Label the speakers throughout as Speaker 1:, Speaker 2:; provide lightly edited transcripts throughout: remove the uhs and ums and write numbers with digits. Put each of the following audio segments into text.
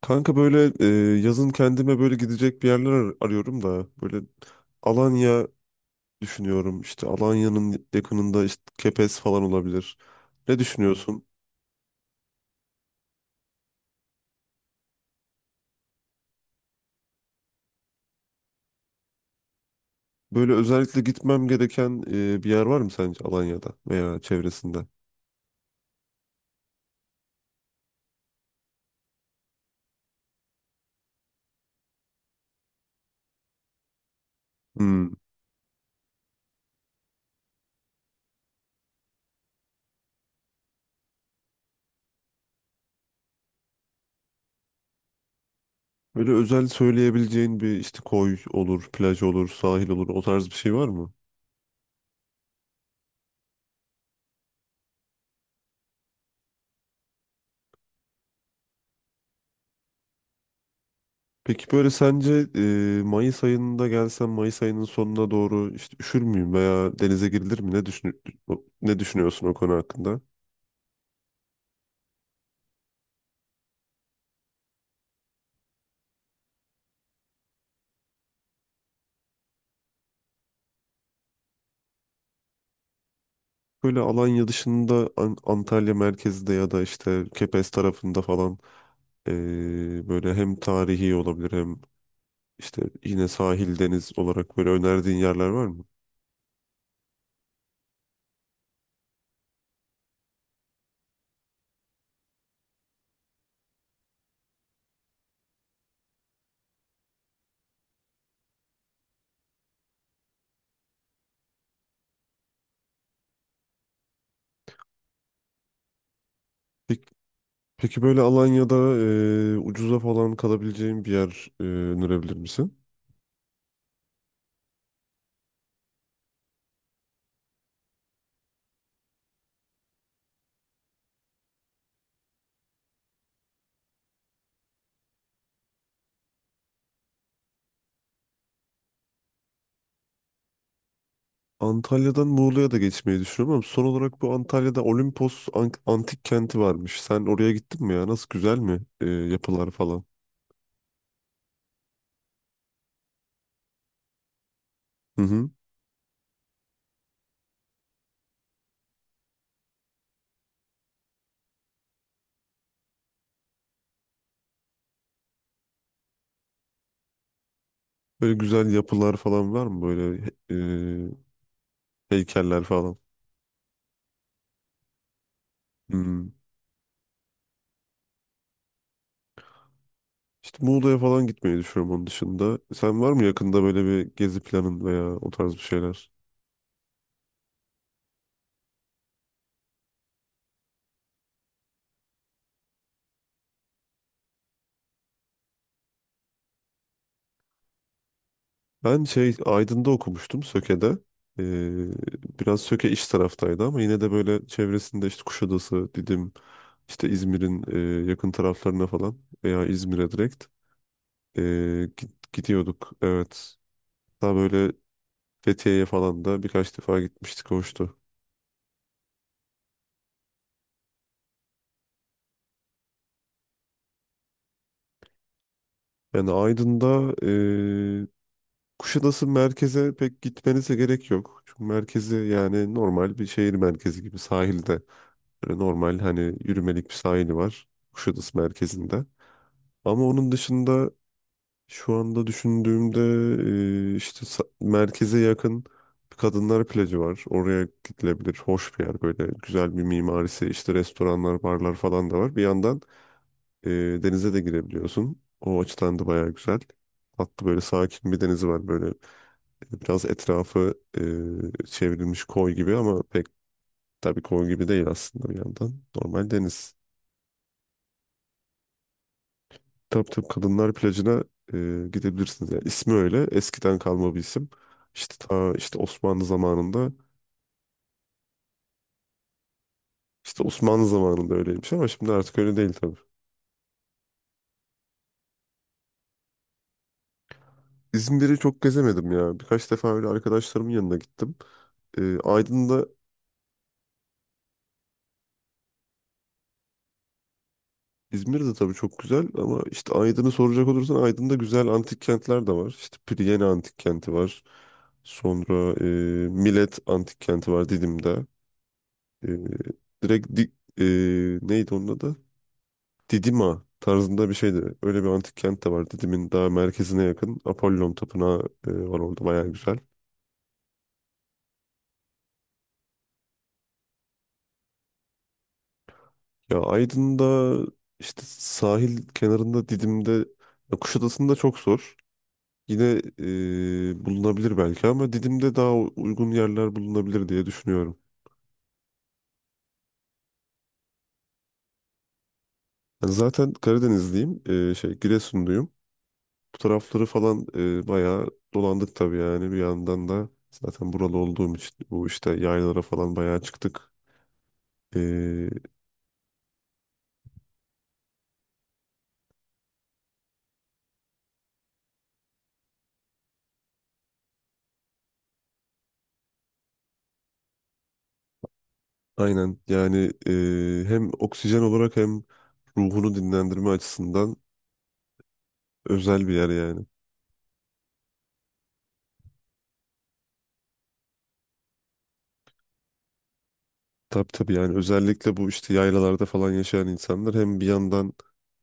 Speaker 1: Kanka böyle, yazın kendime böyle gidecek bir yerler arıyorum da böyle Alanya düşünüyorum. İşte Alanya'nın yakınında işte Kepez falan olabilir. Ne düşünüyorsun? Böyle özellikle gitmem gereken bir yer var mı sence Alanya'da veya çevresinde? Hmm. Böyle özel söyleyebileceğin bir işte koy olur, plaj olur, sahil olur o tarz bir şey var mı? Peki böyle sence Mayıs ayında gelsem Mayıs ayının sonuna doğru işte üşür müyüm veya denize girilir mi? Ne düşünüyorsun o konu hakkında? Böyle Alanya dışında Antalya merkezde ya da işte Kepez tarafında falan, böyle hem tarihi olabilir hem işte yine sahil deniz olarak böyle önerdiğin yerler var mı? Peki, peki böyle Alanya'da ucuza falan kalabileceğim bir yer önerebilir misin? Antalya'dan Muğla'ya da geçmeyi düşünüyorum ama son olarak bu Antalya'da Olimpos Antik Kenti varmış. Sen oraya gittin mi ya? Nasıl, güzel mi yapılar falan? Hı hı. Böyle güzel yapılar falan var mı? Böyle e, heykeller falan. Hmm. İşte Muğla'ya falan gitmeyi düşünüyorum onun dışında. Sen var mı yakında böyle bir gezi planın veya o tarz bir şeyler? Ben şey Aydın'da okumuştum, Söke'de. E, Biraz Söke iş taraftaydı ama yine de böyle çevresinde işte Kuşadası, Didim, İşte İzmir'in yakın taraflarına falan veya İzmir'e direkt, e, gidiyorduk. Evet. Daha böyle Fethiye'ye falan da birkaç defa gitmiştik. Hoştu. Yani Aydın'da, e, Kuşadası merkeze pek gitmenize gerek yok. Çünkü merkezi yani normal bir şehir merkezi gibi sahilde. Böyle normal hani yürümelik bir sahili var Kuşadası merkezinde. Ama onun dışında, şu anda düşündüğümde, işte merkeze yakın bir kadınlar plajı var. Oraya gidilebilir. Hoş bir yer böyle. Güzel bir mimarisi. İşte restoranlar, barlar falan da var. Bir yandan e, denize de girebiliyorsun. O açıdan da bayağı güzel. Tatlı böyle sakin bir denizi var. Böyle biraz etrafı çevrilmiş koy gibi ama pek, tabii koy gibi değil aslında bir yandan. Normal deniz. Tabii tabii, kadınlar plajına gidebilirsiniz. Yani ismi öyle eskiden kalma bir isim. İşte ta işte Osmanlı zamanında işte Osmanlı zamanında öyleymiş ama şimdi artık öyle değil tabii. İzmir'i çok gezemedim ya. Birkaç defa öyle arkadaşlarımın yanına gittim. Aydın'da, İzmir de tabii çok güzel ama işte Aydın'ı soracak olursan Aydın'da güzel antik kentler de var. İşte Piriyeni antik kenti var. Sonra Milet antik kenti var Didim'de. E, direkt di- e, Neydi onun adı? Didima tarzında bir şeydi. Öyle bir antik kent de var. Didim'in daha merkezine yakın. Apollon Tapınağı var orada, bayağı güzel. Ya Aydın'da işte sahil kenarında, Didim'de ya Kuşadası'nda çok zor. Yine bulunabilir belki ama Didim'de daha uygun yerler bulunabilir diye düşünüyorum. Yani zaten Karadenizliyim. Şey, Giresunluyum. Bu tarafları falan bayağı dolandık tabii yani, bir yandan da zaten buralı olduğum için bu işte yaylalara falan bayağı çıktık. E, Aynen yani, hem oksijen olarak hem ruhunu dinlendirme açısından özel bir yer yani. Tabii tabii yani, özellikle bu işte yaylalarda falan yaşayan insanlar hem bir yandan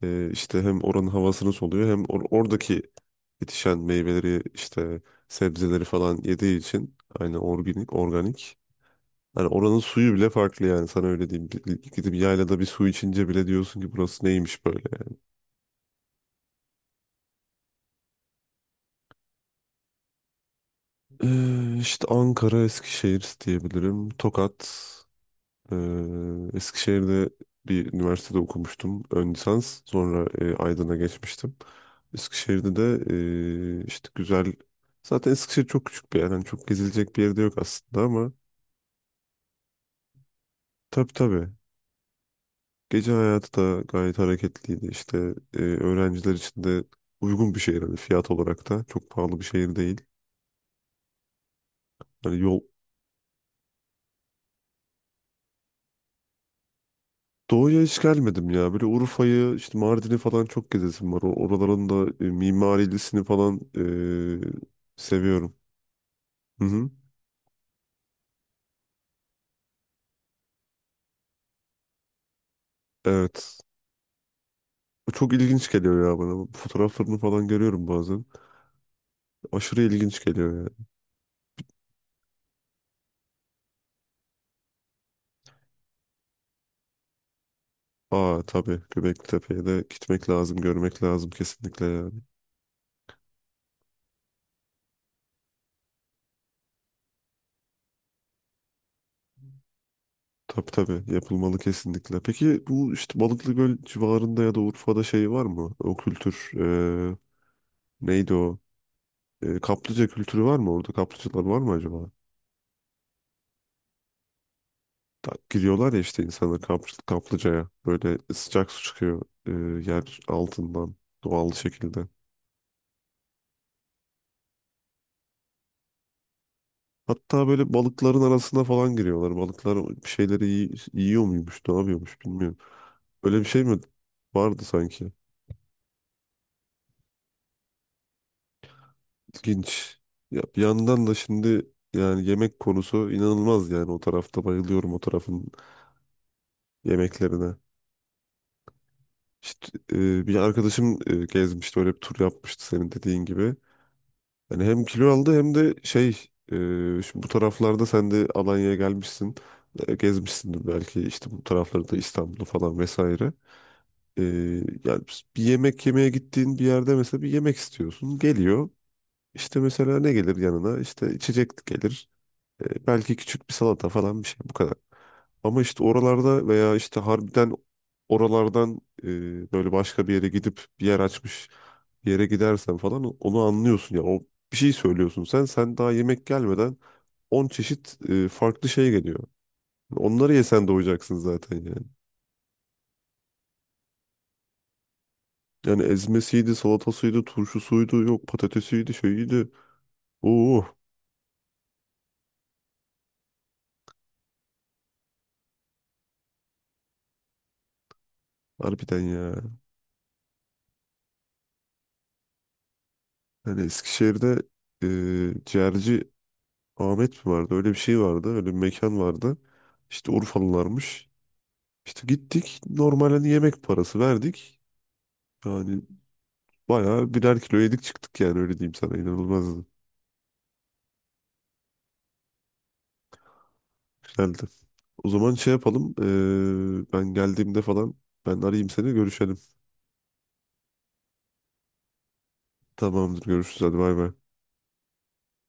Speaker 1: işte hem oranın havasını soluyor hem oradaki yetişen meyveleri işte sebzeleri falan yediği için aynı organik organik. Hani oranın suyu bile farklı yani, sana öyle diyeyim. Gidip yaylada bir su içince bile diyorsun ki burası neymiş böyle. İşte Ankara, Eskişehir diyebilirim. Tokat. Eskişehir'de bir üniversitede okumuştum. Ön lisans. Sonra Aydın'a geçmiştim. Eskişehir'de de işte güzel... Zaten Eskişehir çok küçük bir yer. Yani çok gezilecek bir yerde yok aslında ama... Tabii tabii. Gece hayatı da gayet hareketliydi. İşte öğrenciler için de uygun bir şehir. Hani fiyat olarak da çok pahalı bir şehir değil. Hani yol. Doğuya hiç gelmedim ya. Böyle Urfa'yı, işte Mardin'i falan çok gezesim var. Oraların da mimarilisini falan seviyorum. Hı hı. Evet. Bu çok ilginç geliyor ya bana. Bu fotoğraflarını falan görüyorum bazen. Aşırı ilginç geliyor yani. Aa tabii, Göbeklitepe'ye de gitmek lazım, görmek lazım kesinlikle yani. Tabii tabii yapılmalı kesinlikle. Peki bu işte Balıklıgöl civarında ya da Urfa'da şey var mı? O kültür, e, neydi o? Kaplıca kültürü var mı orada? Kaplıcalar var mı acaba? Giriyorlar ya işte insanlar kaplıcaya. Böyle sıcak su çıkıyor yer altından doğal şekilde. Hatta böyle balıkların arasına falan giriyorlar. Balıklar bir şeyleri yiyor muymuş, ne yapıyormuş bilmiyorum. Öyle bir şey mi vardı sanki? İlginç. Ya bir yandan da şimdi yani yemek konusu inanılmaz yani, o tarafta bayılıyorum o tarafın yemeklerine. İşte bir arkadaşım gezmişti, öyle bir tur yapmıştı senin dediğin gibi. Yani hem kilo aldı hem de şey, e, şimdi bu taraflarda sen de Alanya'ya gelmişsin. Gezmişsindir belki işte bu taraflarda İstanbul'u falan vesaire. E, Yani bir yemek yemeye gittiğin bir yerde mesela bir yemek istiyorsun. Geliyor. İşte mesela ne gelir yanına? İşte içecek gelir. Belki küçük bir salata falan, bir şey, bu kadar. Ama işte oralarda veya işte harbiden oralardan, böyle başka bir yere gidip bir yer açmış bir yere gidersen falan onu anlıyorsun ya. Bir şey söylüyorsun, sen daha yemek gelmeden 10 çeşit farklı şey geliyor. Onları yesen doyacaksın zaten yani. Yani ezmesiydi, salatasıydı, turşusuydu, yok patatesiydi, şeyiydi. Oo, harbiden ya. Yani Eskişehir'de e, ciğerci Ahmet mi vardı? Öyle bir şey vardı. Öyle bir mekan vardı. İşte Urfalılarmış. İşte gittik, normalde yemek parası verdik. Yani bayağı birer kilo yedik çıktık yani, öyle diyeyim sana, inanılmazdı. Güzeldi. O zaman şey yapalım, ben geldiğimde falan ben arayayım, seni görüşelim. Tamamdır, görüşürüz, hadi bay bay.